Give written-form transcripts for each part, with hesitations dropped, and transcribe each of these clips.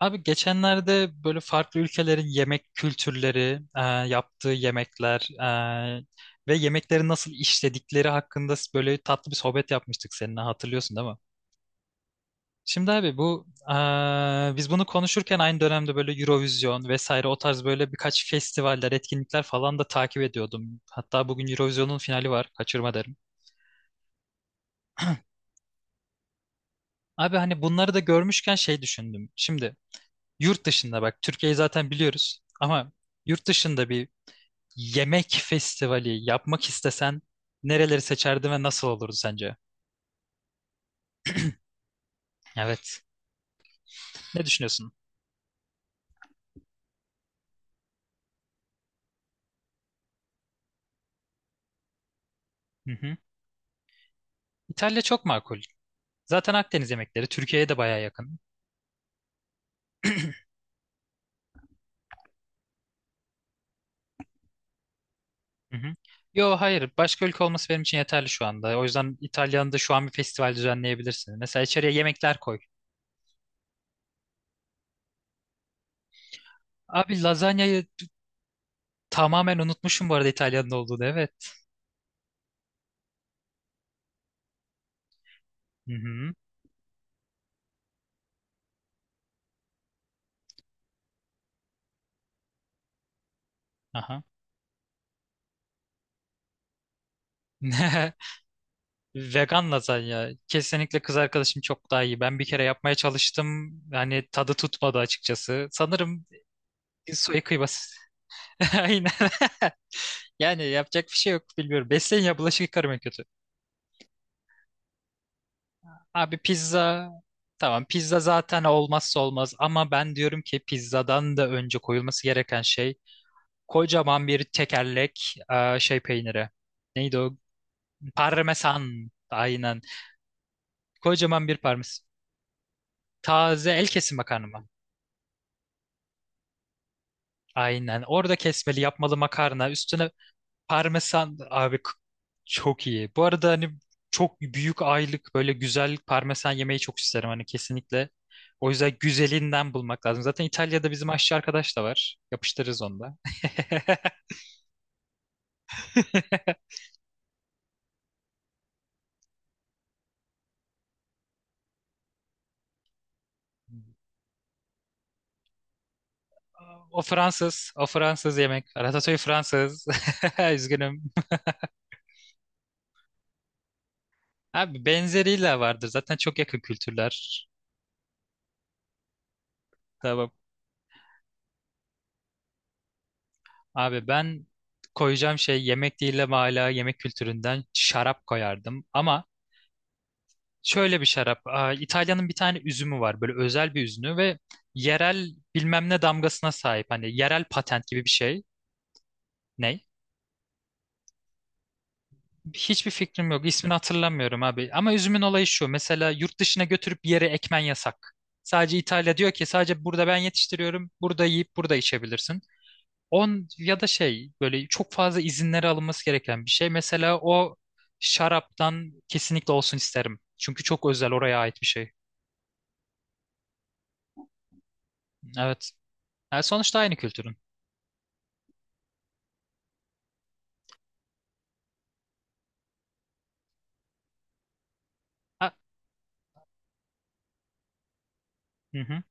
Abi geçenlerde böyle farklı ülkelerin yemek kültürleri, yaptığı yemekler e, ve yemekleri nasıl işledikleri hakkında böyle tatlı bir sohbet yapmıştık seninle, hatırlıyorsun değil mi? Şimdi abi, bu biz bunu konuşurken aynı dönemde böyle Eurovision vesaire o tarz böyle birkaç festivaller, etkinlikler falan da takip ediyordum. Hatta bugün Eurovision'un finali var, kaçırma derim. Abi, hani bunları da görmüşken şey düşündüm. Şimdi yurt dışında, bak, Türkiye'yi zaten biliyoruz ama yurt dışında bir yemek festivali yapmak istesen nereleri seçerdin ve nasıl olurdu sence? Evet. Ne düşünüyorsun? Hı hı. İtalya çok makul. Zaten Akdeniz yemekleri Türkiye'ye de baya yakın. Hı hı. Yo, hayır, başka ülke olması benim için yeterli şu anda. O yüzden İtalya'nın da şu an bir festival düzenleyebilirsin. Mesela içeriye yemekler koy. Abi, lazanyayı tamamen unutmuşum bu arada, İtalya'nın olduğunu, evet. Hı hı. Aha. Vegan lazanya. Kesinlikle kız arkadaşım çok daha iyi. Ben bir kere yapmaya çalıştım. Yani tadı tutmadı açıkçası. Sanırım su kıybası. Aynen. Yani yapacak bir şey yok, bilmiyorum. Besleyin ya, bulaşık yıkarım en kötü. Abi, pizza. Tamam, pizza zaten olmazsa olmaz. Ama ben diyorum ki pizzadan da önce koyulması gereken şey kocaman bir tekerlek şey peyniri. Neydi o? Parmesan. Aynen. Kocaman bir parmesan. Taze el kesim makarna mı? Aynen. Orada kesmeli, yapmalı makarna. Üstüne parmesan. Abi, çok iyi. Bu arada hani çok büyük aylık böyle güzel parmesan yemeyi çok isterim. Hani kesinlikle. O yüzden güzelinden bulmak lazım. Zaten İtalya'da bizim aşçı arkadaş da var. Yapıştırırız onu da. O Fransız. O Fransız yemek. Ratatouille Fransız. Üzgünüm. Abi, benzeriyle vardır. Zaten çok yakın kültürler. Tamam. Abi, ben koyacağım şey yemek değil ama hala yemek kültüründen şarap koyardım. Ama şöyle bir şarap. İtalya'nın bir tane üzümü var. Böyle özel bir üzümü ve yerel bilmem ne damgasına sahip. Hani yerel patent gibi bir şey. Ne? Hiçbir fikrim yok. İsmini hatırlamıyorum abi. Ama üzümün olayı şu. Mesela yurt dışına götürüp bir yere ekmen yasak. Sadece İtalya diyor ki sadece burada ben yetiştiriyorum. Burada yiyip burada içebilirsin. On ya da şey, böyle çok fazla izinleri alınması gereken bir şey. Mesela o şaraptan kesinlikle olsun isterim. Çünkü çok özel, oraya ait bir şey. Evet. Yani sonuçta aynı kültürün. Ha, hı hı.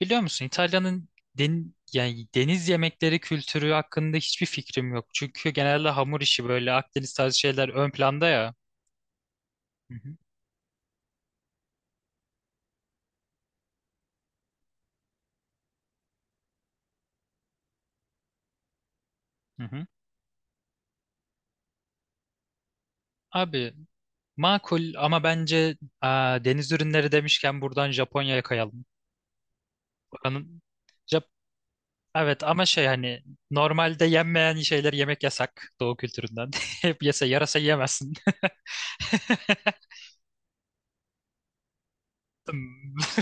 Biliyor musun, İtalya'nın yani deniz yemekleri kültürü hakkında hiçbir fikrim yok. Çünkü genelde hamur işi böyle Akdeniz tarzı şeyler ön planda ya. Hı hı. Hı hı. Abi, makul ama bence deniz ürünleri demişken buradan Japonya'ya kayalım. Oranın. Evet, ama şey, hani normalde yenmeyen şeyler yemek yasak doğu kültüründen. Hep yese yarasa yiyemezsin. Hmm.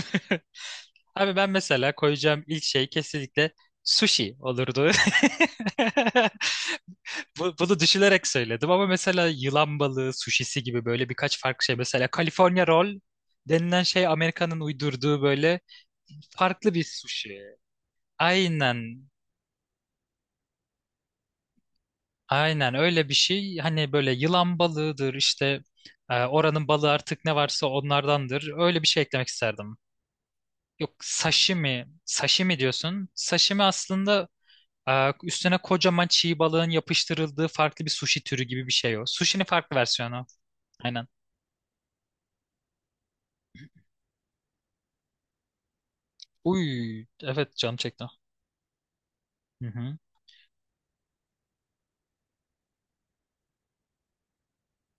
Abi, ben mesela koyacağım ilk şey kesinlikle sushi olurdu. Bunu düşünerek söyledim ama mesela yılan balığı suşisi gibi böyle birkaç farklı şey. Mesela California Roll denilen şey Amerika'nın uydurduğu böyle farklı bir sushi. Aynen. Aynen öyle bir şey. Hani böyle yılan balığıdır işte, oranın balığı artık ne varsa onlardandır. Öyle bir şey eklemek isterdim. Yok, sashimi. Sashimi diyorsun. Sashimi aslında üstüne kocaman çiğ balığın yapıştırıldığı farklı bir sushi türü gibi bir şey o. Sushi'nin farklı versiyonu. Aynen. Uy, evet, canım çekti. Hı hı.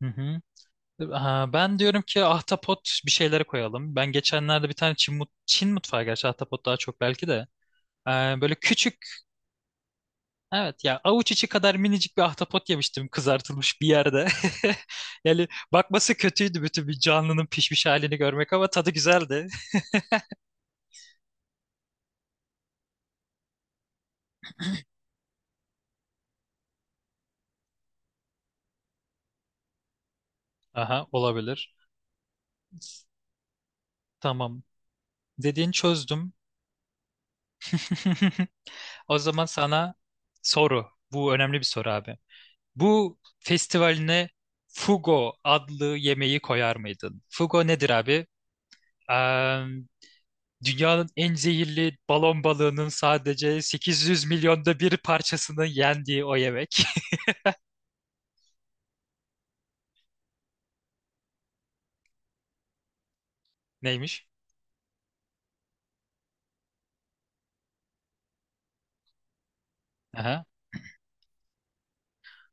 Hı hı. Ben diyorum ki ahtapot bir şeylere koyalım. Ben geçenlerde bir tane Çin mutfağı, gerçi ahtapot daha çok belki de. Ee, Böyle küçük. Evet ya, avuç içi kadar minicik bir ahtapot yemiştim kızartılmış bir yerde. Yani bakması kötüydü, bütün bir canlının pişmiş halini görmek, ama tadı güzeldi. Aha, olabilir. Tamam. Dediğini çözdüm. O zaman sana soru. Bu önemli bir soru abi. Bu festivaline Fugo adlı yemeği koyar mıydın? Fugo nedir abi? Eee, Dünyanın en zehirli balon balığının sadece 800 milyonda bir parçasını yendiği o yemek. Neymiş? Aha.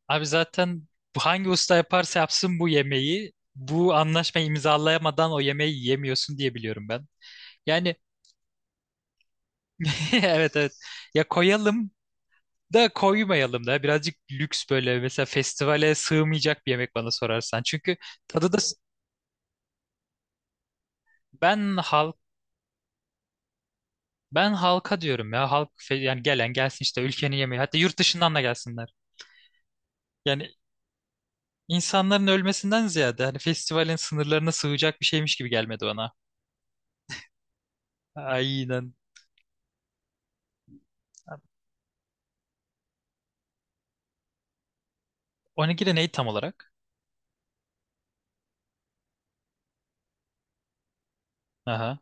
Abi, zaten bu hangi usta yaparsa yapsın bu yemeği, bu anlaşmayı imzalayamadan o yemeği yemiyorsun diye biliyorum ben. Yani evet, evet. Ya koyalım da koymayalım da birazcık lüks, böyle mesela festivale sığmayacak bir yemek, bana sorarsan. Çünkü tadı da ben halk ben halka diyorum ya, yani gelen gelsin işte, ülkenin yemeği, hatta yurt dışından da gelsinler. Yani insanların ölmesinden ziyade, hani festivalin sınırlarına sığacak bir şeymiş gibi gelmedi bana. Aynen. Onigiri neydi tam olarak? Aha.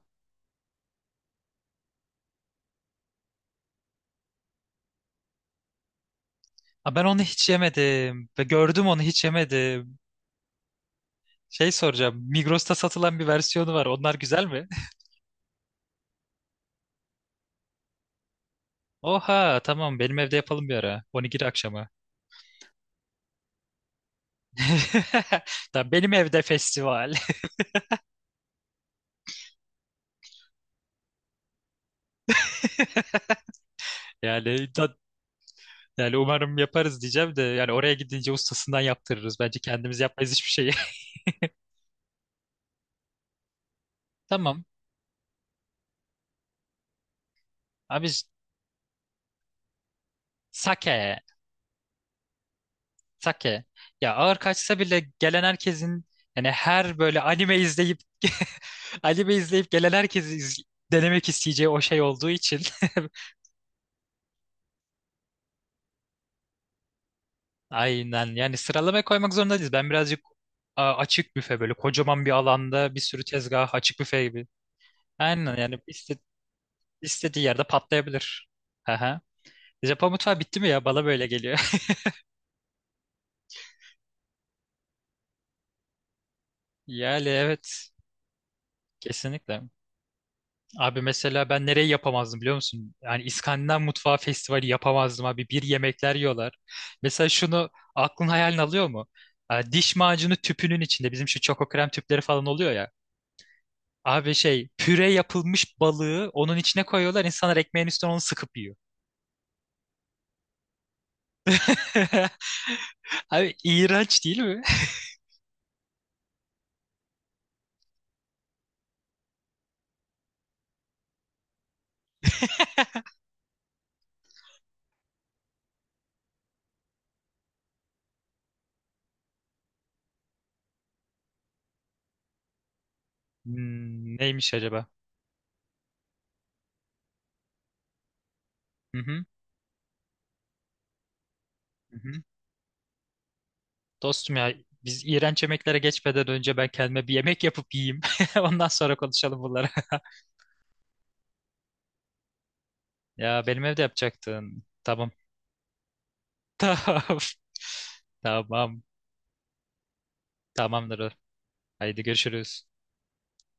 Ben onu hiç yemedim. Ve gördüm, onu hiç yemedim. Şey soracağım. Migros'ta satılan bir versiyonu var. Onlar güzel mi? Oha, tamam, benim evde yapalım bir ara. Onigiri akşamı. Tamam, benim evde festival. Yani da- Yani umarım yaparız diyeceğim de yani oraya gidince ustasından yaptırırız. Bence kendimiz yapmayız hiçbir şeyi. Tamam. Abi, sake. Sake. Ya ağır kaçsa bile gelen herkesin, yani her böyle anime izleyip anime izleyip gelen herkesi denemek isteyeceği o şey olduğu için, aynen, yani sıralamaya koymak zorunda değiliz. Ben birazcık açık büfe, böyle kocaman bir alanda bir sürü tezgah, açık büfe gibi. Aynen yani istediği yerde patlayabilir. Aha. Japon mutfağı bitti mi ya? Bana böyle geliyor. Yani evet, kesinlikle. Abi, mesela ben nereyi yapamazdım biliyor musun? Yani İskandinav Mutfağı Festivali yapamazdım abi. Bir yemekler yiyorlar. Mesela şunu aklın hayalini alıyor mu? Diş macunu tüpünün içinde bizim şu çoko krem tüpleri falan oluyor ya. Abi şey, püre yapılmış balığı onun içine koyuyorlar. İnsanlar ekmeğin üstüne onu sıkıp yiyor. Abi iğrenç değil mi? Neymiş acaba? Hı hı, hı hı. Dostum ya, biz iğrenç yemeklere geçmeden önce ben kendime bir yemek yapıp yiyeyim. Ondan sonra konuşalım bunları. Ya benim evde yapacaktın. Tamam. Tamam. Tamam. Tamamdır. Haydi görüşürüz.